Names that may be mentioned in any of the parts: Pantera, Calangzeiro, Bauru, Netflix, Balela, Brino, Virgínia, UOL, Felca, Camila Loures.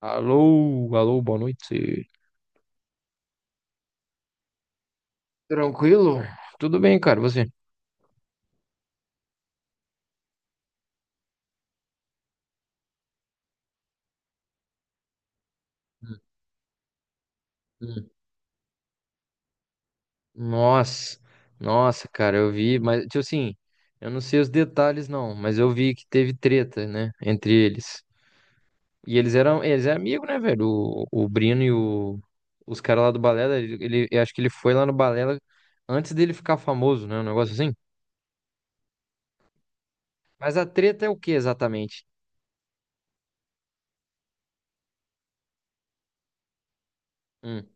Alô, alô, boa noite. Tranquilo? Tudo bem, cara, você? Hum, hum. Nossa, nossa, cara, eu vi, mas, tipo assim, eu não sei os detalhes não, mas eu vi que teve treta, né, entre eles. E eles eram amigos, né, velho? O Brino e o, os caras lá do Balela, eu acho que ele foi lá no Balela antes dele ficar famoso, né, um negócio assim. Mas a treta é o que exatamente? Hum,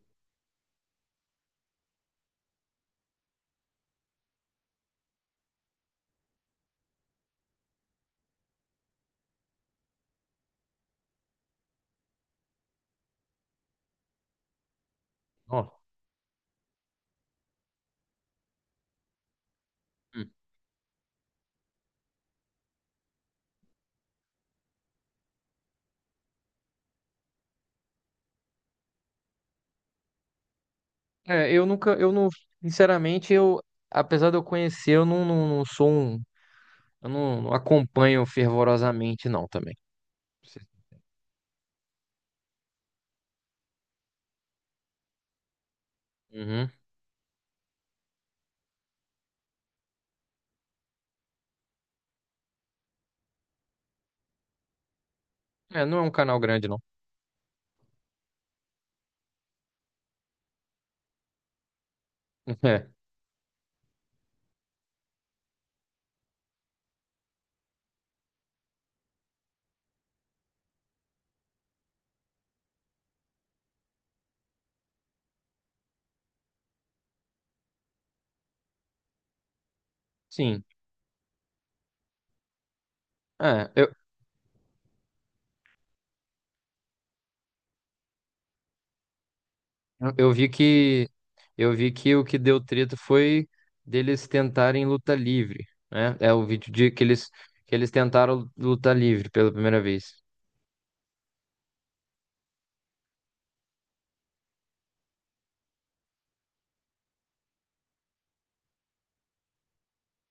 ó. É, eu nunca, eu não, sinceramente, eu, apesar de eu conhecer, eu não, não, não sou um, eu não, não acompanho fervorosamente, não, também. Uhum. É, não é um canal grande, não. É, sim. É, eu, eu vi que, eu vi que o que deu treta foi deles tentarem luta livre, né? É o vídeo de que que eles tentaram luta livre pela primeira vez.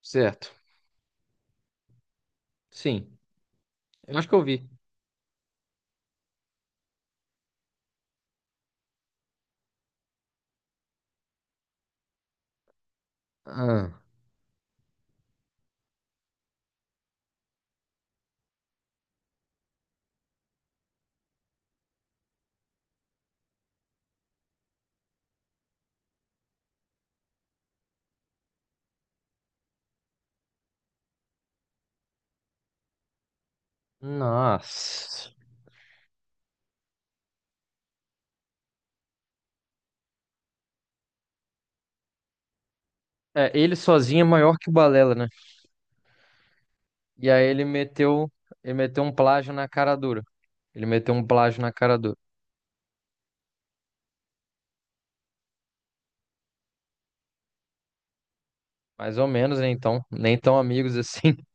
Certo. Sim. Eu acho que eu vi. Ah, nossa. É, ele sozinho é maior que o Balela, né? E aí ele meteu, ele meteu um plágio na cara dura. Ele meteu um plágio na cara dura. Mais ou menos, né? Então, nem tão amigos assim.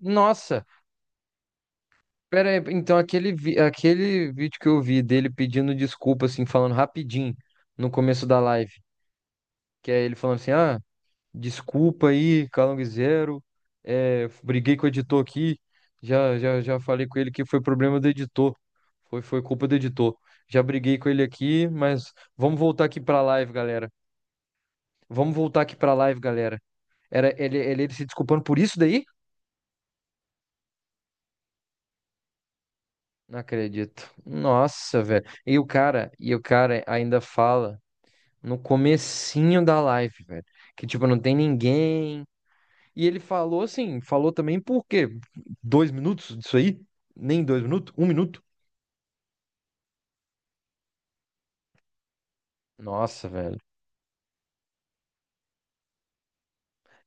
Nossa, pera aí. Então, aquele vídeo que eu vi dele pedindo desculpa, assim, falando rapidinho no começo da live, que é ele falando assim: ah, desculpa aí, Calangzeiro, é, briguei com o editor aqui, já falei com ele que foi problema do editor, foi culpa do editor. Já briguei com ele aqui, mas vamos voltar aqui pra live, galera. Vamos voltar aqui pra live, galera. Era ele se desculpando por isso daí? Não acredito. Nossa, velho. E o cara ainda fala no comecinho da live, velho, que tipo não tem ninguém. E ele falou assim, falou também por quê? Dois minutos disso aí? Nem dois minutos? Um minuto? Nossa, velho.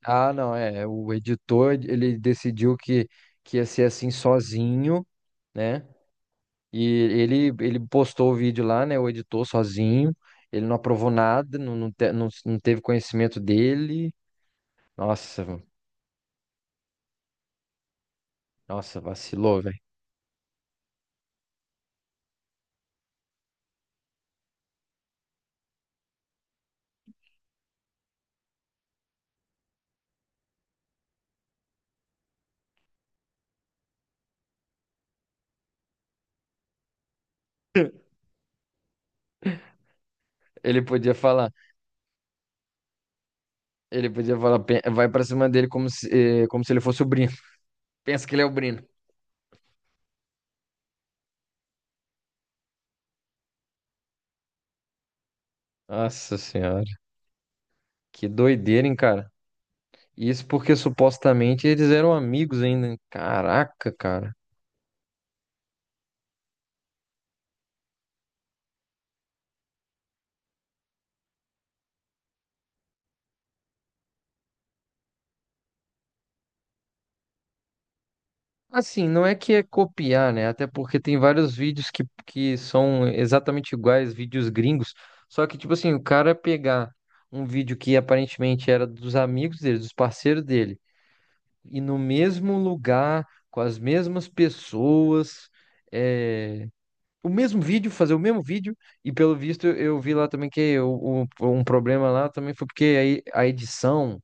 Ah, não, é. O editor, ele decidiu que ia ser assim sozinho, né? E ele postou o vídeo lá, né? O editor sozinho. Ele não aprovou nada, não teve conhecimento dele. Nossa, mano, nossa, vacilou, velho. Ele podia falar, ele podia falar, "Pe- vai pra cima dele como se, como se ele fosse o Brino. Pensa que ele é o Brino. Nossa senhora, que doideira, hein, cara? Isso porque supostamente eles eram amigos ainda. Caraca, cara. Assim, não é que é copiar, né? Até porque tem vários vídeos que são exatamente iguais, vídeos gringos. Só que, tipo assim, o cara pegar um vídeo que aparentemente era dos amigos dele, dos parceiros dele, e no mesmo lugar, com as mesmas pessoas, é, o mesmo vídeo, fazer o mesmo vídeo, e pelo visto eu vi lá também que um problema lá também foi porque aí a edição,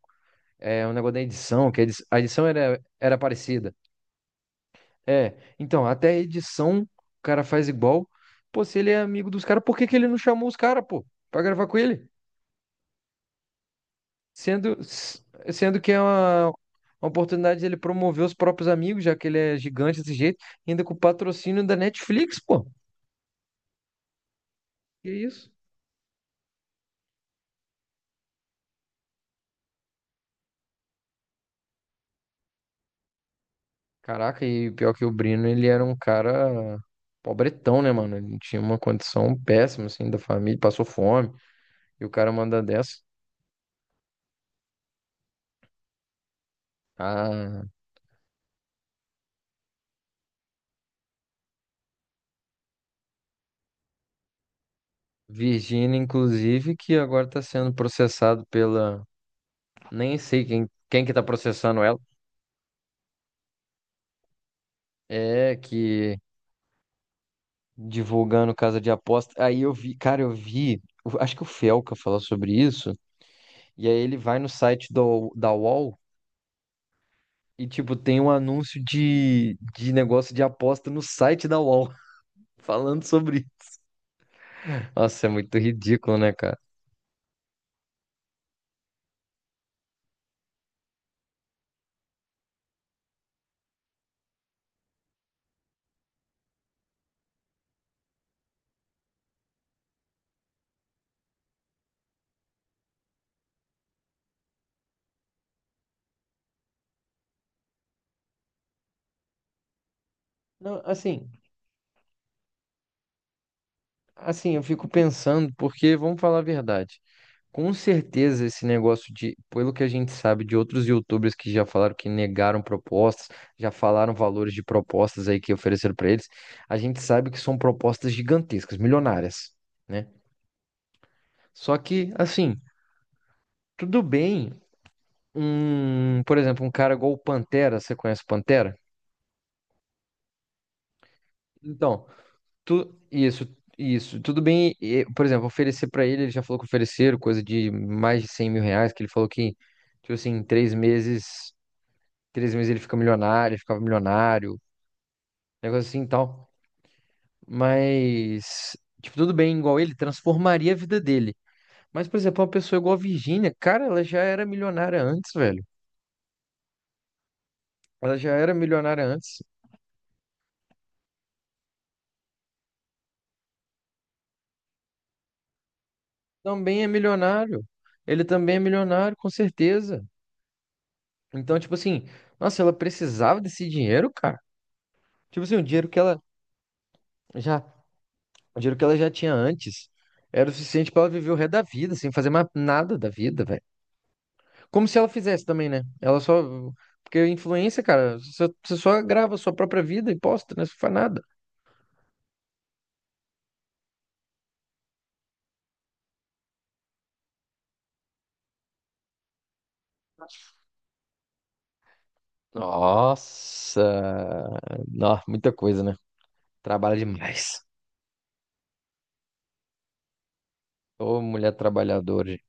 é, o negócio da edição, que a a edição era, era parecida. É, então, até a edição o cara faz igual. Pô, se ele é amigo dos caras, por que que ele não chamou os caras, pô, pra gravar com ele? Sendo, s- sendo que é uma oportunidade dele promover os próprios amigos, já que ele é gigante desse jeito, ainda com o patrocínio da Netflix, pô. Que isso? Caraca, e pior que o Brino, ele era um cara pobretão, né, mano? Ele tinha uma condição péssima, assim, da família, passou fome, e o cara manda dessa. Ah, Virgínia, inclusive, que agora está sendo processado pela. Nem sei quem que tá processando ela. É, que divulgando casa de aposta. Aí eu vi, cara, eu vi. Eu acho que o Felca falou sobre isso. E aí ele vai no site da UOL e, tipo, tem um anúncio de negócio de aposta no site da UOL falando sobre. Nossa, é muito ridículo, né, cara? Não, eu fico pensando, porque vamos falar a verdade. Com certeza, esse negócio de, pelo que a gente sabe de outros YouTubers que já falaram que negaram propostas, já falaram valores de propostas aí que ofereceram para eles, a gente sabe que são propostas gigantescas, milionárias, né? Só que, assim, tudo bem, um, por exemplo, um cara igual o Pantera, você conhece o Pantera? Então, tu, isso, tudo bem, e, por exemplo, oferecer para ele, ele já falou que ofereceram coisa de mais de R$ 100.000, que ele falou que, tipo assim, em três meses. Três meses ele fica milionário, ficava milionário, negócio assim e tal. Mas, tipo, tudo bem, igual ele, transformaria a vida dele. Mas, por exemplo, uma pessoa igual a Virgínia, cara, ela já era milionária antes, velho. Ela já era milionária antes. Também é milionário. Ele também é milionário, com certeza. Então, tipo assim, nossa, ela precisava desse dinheiro, cara. Tipo assim, já, o dinheiro que ela já tinha antes era o suficiente pra ela viver o resto da vida, sem fazer mais nada da vida, velho. Como se ela fizesse também, né? Ela só. Porque influência, cara, você só grava a sua própria vida e posta, né? Você não faz nada. Nossa! Nó, muita coisa, né? Trabalha demais. Ô, mulher trabalhadora. Gente.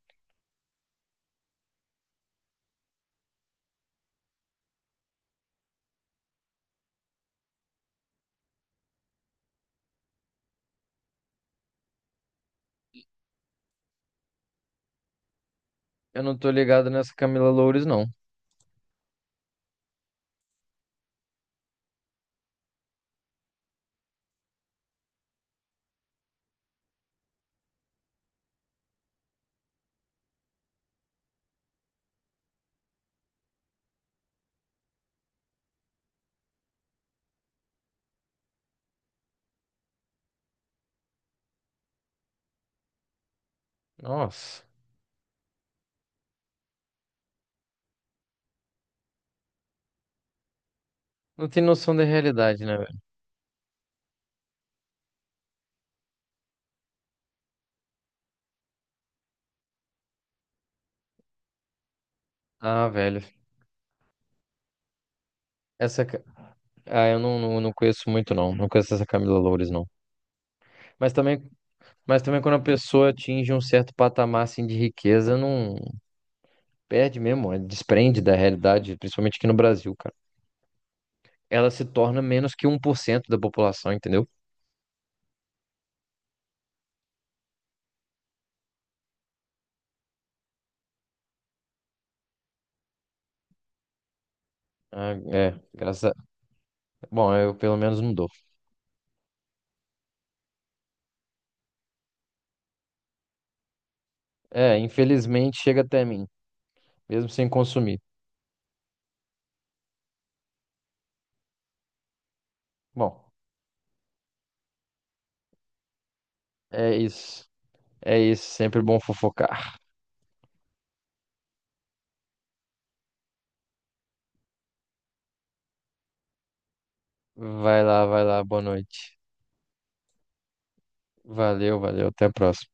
Eu não tô ligado nessa Camila Loures, não. Nossa. Não tem noção da realidade, né, velho? Ah, velho. Essa. Ca- ah, eu não, não, não conheço muito, não. Não conheço essa Camila Loures, não. Mas também, mas também quando a pessoa atinge um certo patamar, assim, de riqueza, não. Perde mesmo, é, desprende da realidade, principalmente aqui no Brasil, cara. Ela se torna menos que 1% da população, entendeu? Ah, é, graças a... Bom, eu pelo menos não dou. É, infelizmente chega até mim, mesmo sem consumir. Bom, é isso. É isso, sempre bom fofocar. Vai lá, boa noite. Valeu, valeu, até a próxima.